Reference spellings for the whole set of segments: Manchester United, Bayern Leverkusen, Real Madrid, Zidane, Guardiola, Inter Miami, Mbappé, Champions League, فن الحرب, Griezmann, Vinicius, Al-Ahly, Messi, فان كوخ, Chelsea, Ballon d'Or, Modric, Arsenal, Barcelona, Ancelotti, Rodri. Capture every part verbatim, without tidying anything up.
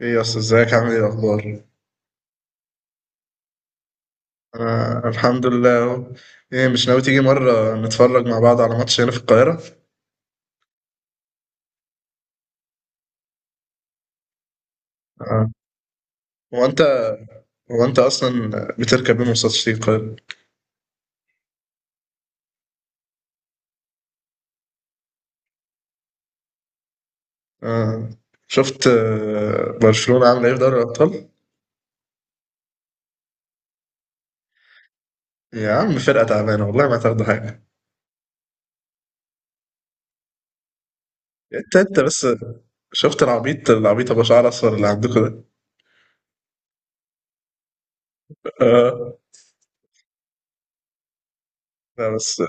ايه يا اسطى، ازيك؟ عامل ايه الاخبار؟ انا الحمد لله اهو. ايه، مش ناوي تيجي مره نتفرج مع بعض على ماتش هنا في القاهره؟ آه. هو انت هو انت اصلا بتركب ايه مواصلات تيجي القاهره؟ آه. شفت آه، برشلونه عامله ايه في دوري الابطال؟ يا عم فرقه تعبانه، والله ما تاخدوا حاجه. انت انت بس، شفت العبيط العبيط ابو شعر اصفر اللي عندكم ده؟ آه. لا بس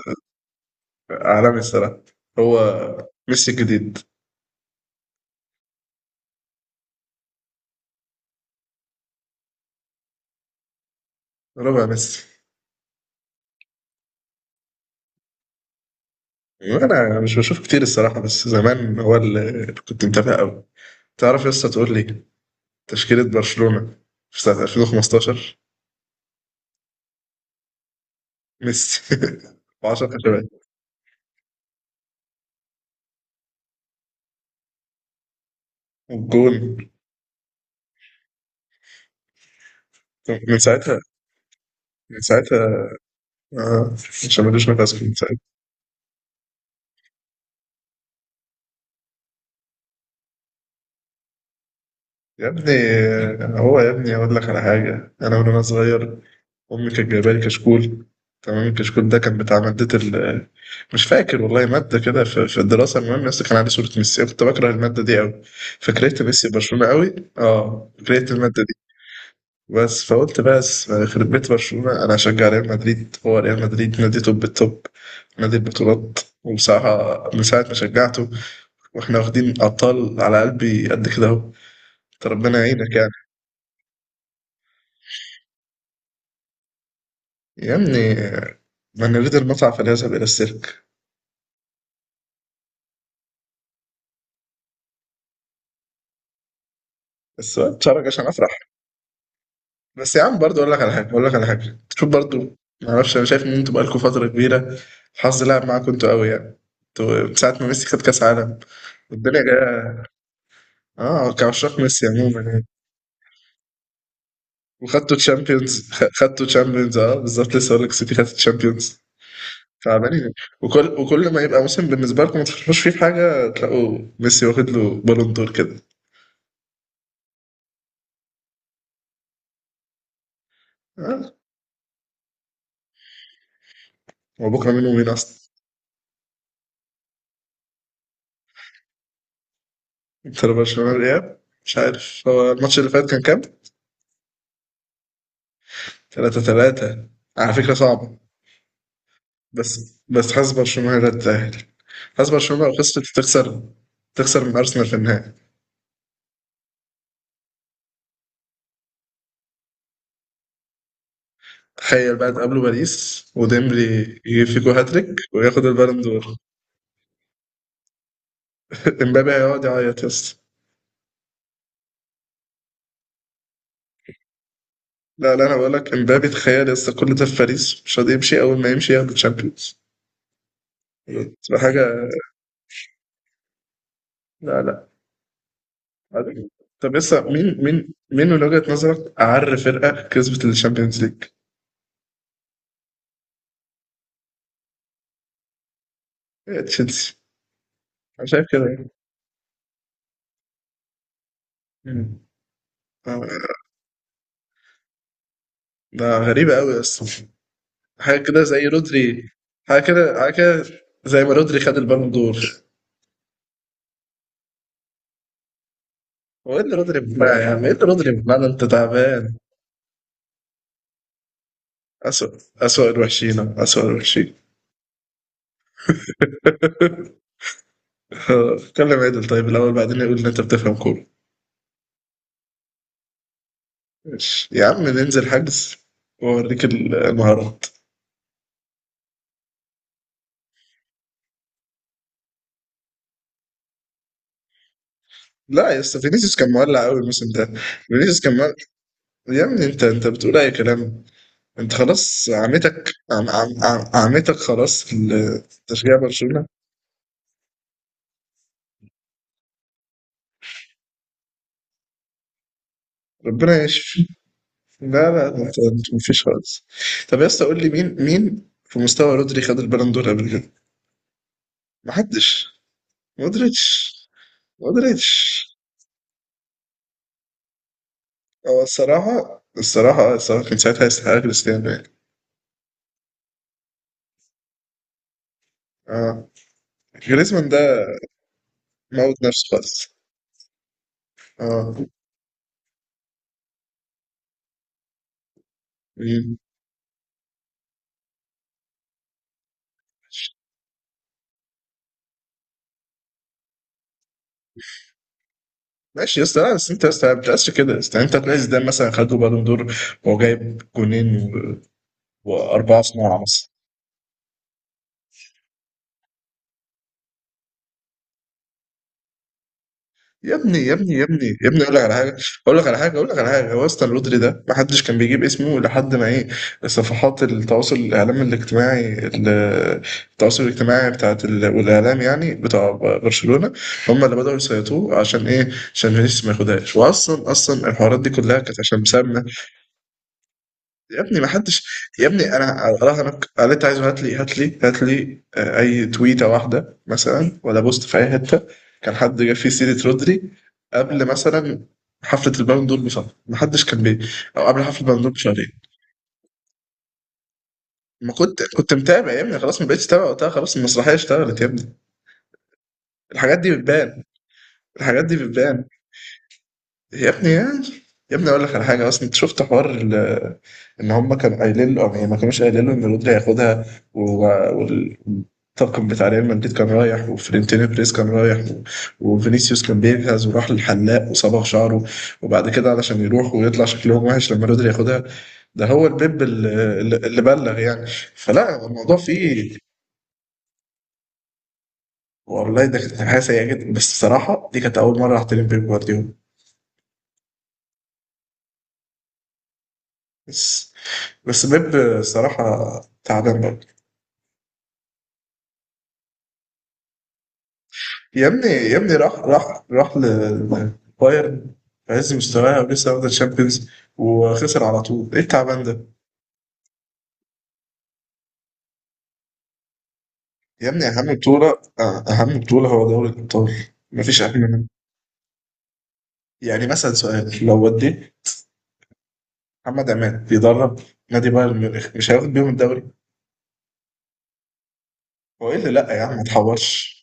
آه، عالمي الصراحه. هو ميسي الجديد؟ ربع ميسي. انا مش بشوف كتير الصراحه، بس زمان هو اللي كنت متابع قوي. تعرف يا اسطى، تقول لي تشكيله برشلونه في سنه ألفين وخمستاشر؟ ميسي. و10 خشبات. والجون. من ساعتها من ساعتها آه مش ملوش نفس من ساعتها. يا ابني آه، هو يا ابني اقول لك على حاجه، انا من وانا صغير أمي كانت جايبة لي كشكول. تمام، الكشكول ده كان بتاع مادة ال، مش فاكر والله مادة كده في في الدراسة، المهم يا اسطى كان عليه صورة ميسي، أنا كنت باكره المادة دي أوي، فكرهت ميسي وبرشلونة أوي، آه كرهت المادة دي. بس فقلت بس يخرب بيت برشلونة، أنا هشجع ريال مدريد، هو ريال مدريد نادي توب التوب، نادي البطولات. وبصراحة من ساعة ما شجعته واحنا واخدين أبطال، على قلبي قد كده أهو، أنت ربنا يعينك يعني. يا ابني، من يريد المتعة فليذهب إلى السيرك. بس شعرك عشان أفرح. بس يا عم برضه اقول لك على حاجه اقول لك على حاجه شوف برضه، ما اعرفش، انا شايف ان انتوا بقالكم فتره كبيره الحظ لعب معاكم انتوا قوي يعني. انتوا من ساعه ما ميسي خد كاس عالم الدنيا جايه. اه كعشاق ميسي عموما يعني. وخدتوا تشامبيونز خدتوا تشامبيونز اه بالظبط، لسه هقول لك السيتي خدت تشامبيونز. تعبانين، وكل وكل ما يبقى موسم بالنسبه لكم ما تفكروش فيه في حاجه تلاقوا ميسي واخد له بالون دور كده. اه. هو بكره مين ومين اصلا؟ انت برشلونه الاياب. مش عارف، هو الماتش اللي فات كان كام؟ تلاتة تلاتة. على فكرة صعبة. بس بس حاسس برشلونة لا تتأهل. حاسس برشلونة لو خسرت تخسر، تخسر من أرسنال في النهائي. تخيل بقى تقابله باريس وديمبلي يجيب فيكو هاتريك وياخد البالون دور. امبابي هيقعد يعيط يا اسطى. لا لا، انا بقول لك، امبابي تخيل يا اسطى كل ده في باريس مش راضي يمشي، اول ما يمشي ياخد الشامبيونز تبقى حاجه. لا لا، عادي. طب لسه، مين مين مين من وجهة نظرك أعر فرقة كسبت الشامبيونز ليج؟ هي تشيلسي. أنا شايف كده يعني. مم. آه، ده غريبة أوي أصلا. حاجة كده زي رودري. حاجة كده حاجة كده زي ما رودري خد البالون دور. هو ايه اللي رودري بمعنى يا عم، ايه اللي رودري بمعنى انت تعبان؟ أسوأ أسوأ الوحشين أسوأ الوحشين. كلم عدل طيب الأول، بعدين يقول إن أنت بتفهم كورة. ماشي. يا عم ننزل حجز وأوريك المهارات. لا يا اسطى، فينيسيوس كان مولع قوي الموسم ده. فينيسيوس كان مولع. يا ابني، انت انت بتقول اي كلام. انت خلاص عمتك، عم عم عم عمتك خلاص في تشجيع برشلونة. ربنا يشفي. لا لا لا، مفيش خالص. طب يا اسطى قول لي، مين مين في مستوى رودري خد البالون دور قبل كده؟ محدش. مودريتش. مودريتش. هو الصراحة الصراحة الصراحة كان ساعتها يستحق كريستيانو يعني. اه، جريزمان ده موت نفسه خالص. اه. مم. ماشي يا اسطى، لا بس انت يا اسطى ما بتقاسش كده، يا اسطى انت تلاقي زيدان مثلا خد له بالون دور وهو جايب جونين و- واربعه صناعه مثلا. يا ابني يا ابني يا ابني يا ابني اقول لك على حاجه اقول لك على حاجه اقول لك على حاجه، هو اصلا اللودري ده ما حدش كان بيجيب اسمه لحد ما ايه، صفحات التواصل الاعلام الاجتماعي ال- التواصل الاجتماعي بتاعت ال- والاعلام يعني بتاع برشلونه، هم اللي بداوا يسيطروا. عشان ايه؟ عشان فينيسيوس ما ياخدهاش، واصلا اصلا الحوارات دي كلها كانت عشان بسبب، يا ابني ما حدش، يا ابني انا اراهنك قال، انت عايز هات لي هات لي هات لي آه، اي تويته واحده مثلا ولا بوست في اي حته كان حد جاب فيه سيره رودري قبل مثلا حفله البالون دور بشهر؟ ما حدش كان بي، او قبل حفله البالون دور بشهرين. ما كنت كنت متابع يا ابني، خلاص ما بقتش تابع وقتها، خلاص المسرحيه اشتغلت يا ابني. الحاجات دي بتبان. الحاجات دي بتبان يا ابني يعني. يا ابني اقول لك على حاجه، اصلا انت شفت حوار ال- ان هم كانوا قايلين له يعني ما كانوش قايلين له ان رودري هياخدها، و- والطاقم بتاع ريال مدريد كان رايح وفلورنتينو بريز كان رايح و- وفينيسيوس كان بيجهز وراح للحلاق وصبغ شعره، وبعد كده علشان يروح ويطلع شكلهم وحش لما رودري ياخدها. ده هو البيب اللي, اللي بلغ يعني. فلا، الموضوع فيه، والله ده كانت حاجه سيئه جدا، بس الصراحه دي كانت اول مره احترم بيب جوارديولا. بس بس بيب صراحه تعبان برضه. يا ابني يا ابني راح راح راح ل- لبايرن في عز مستواها ولسه واخده الشامبيونز وخسر على طول، ايه التعبان ده؟ يا ابني اهم بطوله، اهم بطوله هو دوري الابطال، مفيش اهم منه. يعني مثلا سؤال، لو وديت محمد عماد بيدرب نادي بايرن ميونخ مش هياخد بيهم الدوري؟ هو ايه اللي لا يا عم؟ ما تحورش.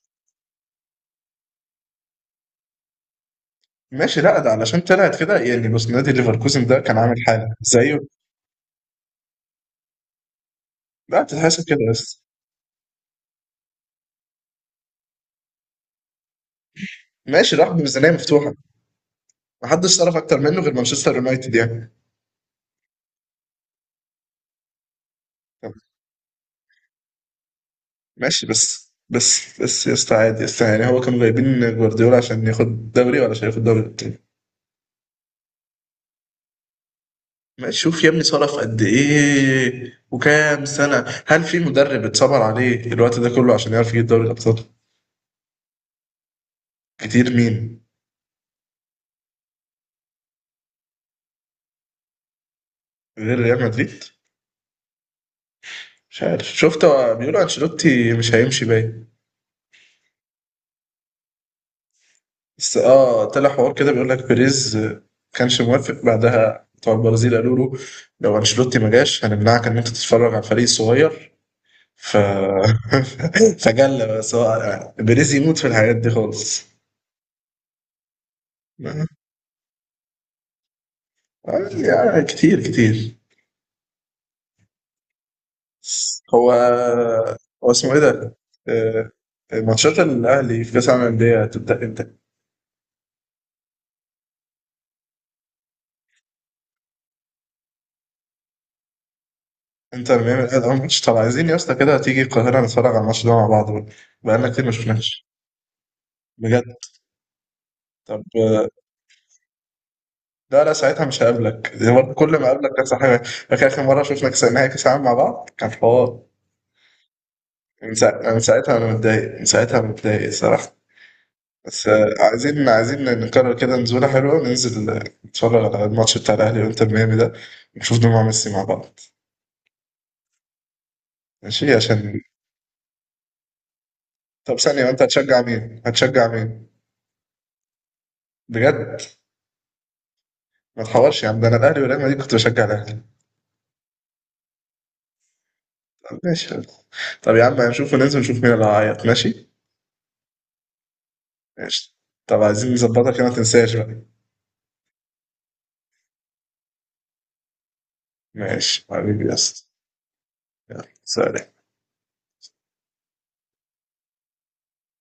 ماشي، لا ده علشان طلعت كده يعني، بص نادي ليفركوزن ده كان عامل حاله زيه. لا تتحسب كده بس. ماشي، راح بميزانيه مفتوحه، محدش صرف اكتر منه غير مانشستر يونايتد يعني. ماشي، بس بس بس يا اسطى، عادي يا اسطى يعني، هو كانوا جايبين جوارديولا عشان ياخد دوري ولا عشان ياخد دوري التاني؟ ما شوف يا ابني صرف قد ايه وكام سنة، هل في مدرب اتصبر عليه الوقت ده كله عشان يعرف يجيب دوري الابطال؟ كتير مين؟ غير ريال مدريد؟ شفت، هو بيقولوا انشيلوتي مش هيمشي باين. بس اه طلع حوار كده بيقول لك بيريز آه، كانش موافق، بعدها بتوع البرازيل قالوا له لو انشيلوتي ما جاش هنمنعك ان انت تتفرج على الفريق الصغير، ف فجلة. بس هو بيريز يموت في الحاجات دي خالص. آه، يعني كتير كتير. هو، هو اسمه ايه ده؟ آه، ماتشات الاهلي في كاس العالم للانديه تبدا امتى؟ انتر ميامي الاهلي اول ماتش، طب عايزين يا اسطى كده تيجي القاهره نتفرج على الماتش ده مع بعض بقى، بقالنا كتير ما شفناش. بجد. طب آه، لا لا، ساعتها مش هقابلك دي برضه، كل ما اقابلك نفس الحاجه، فاكر اخر مره شفنا كاس نهائي كاس العالم مع بعض كان حوار؟ من سا- من ساعتها انا متضايق، من ساعتها أنا متضايق الصراحه. بس آه، عايزين عايزين نكرر كده نزولة حلوة وننزل آه، نتفرج على الماتش بتاع الأهلي وإنتر ميامي ده، نشوف دموع ميسي مع بعض. ماشي عشان. طب ثانية، وأنت هتشجع مين؟ هتشجع مين؟ بجد؟ ما تحورش يا عم، ده أنا الأهلي وريال مدريد كنت بشجع الأهلي. طب ماشي. طب يا عم هنشوف، وننزل نشوف مين اللي هيعيط ماشي؟ ماشي. طب عايزين نظبطها كده، ما تنساش بقى. ماشي حبيبي يا اسطى. يلا سلام.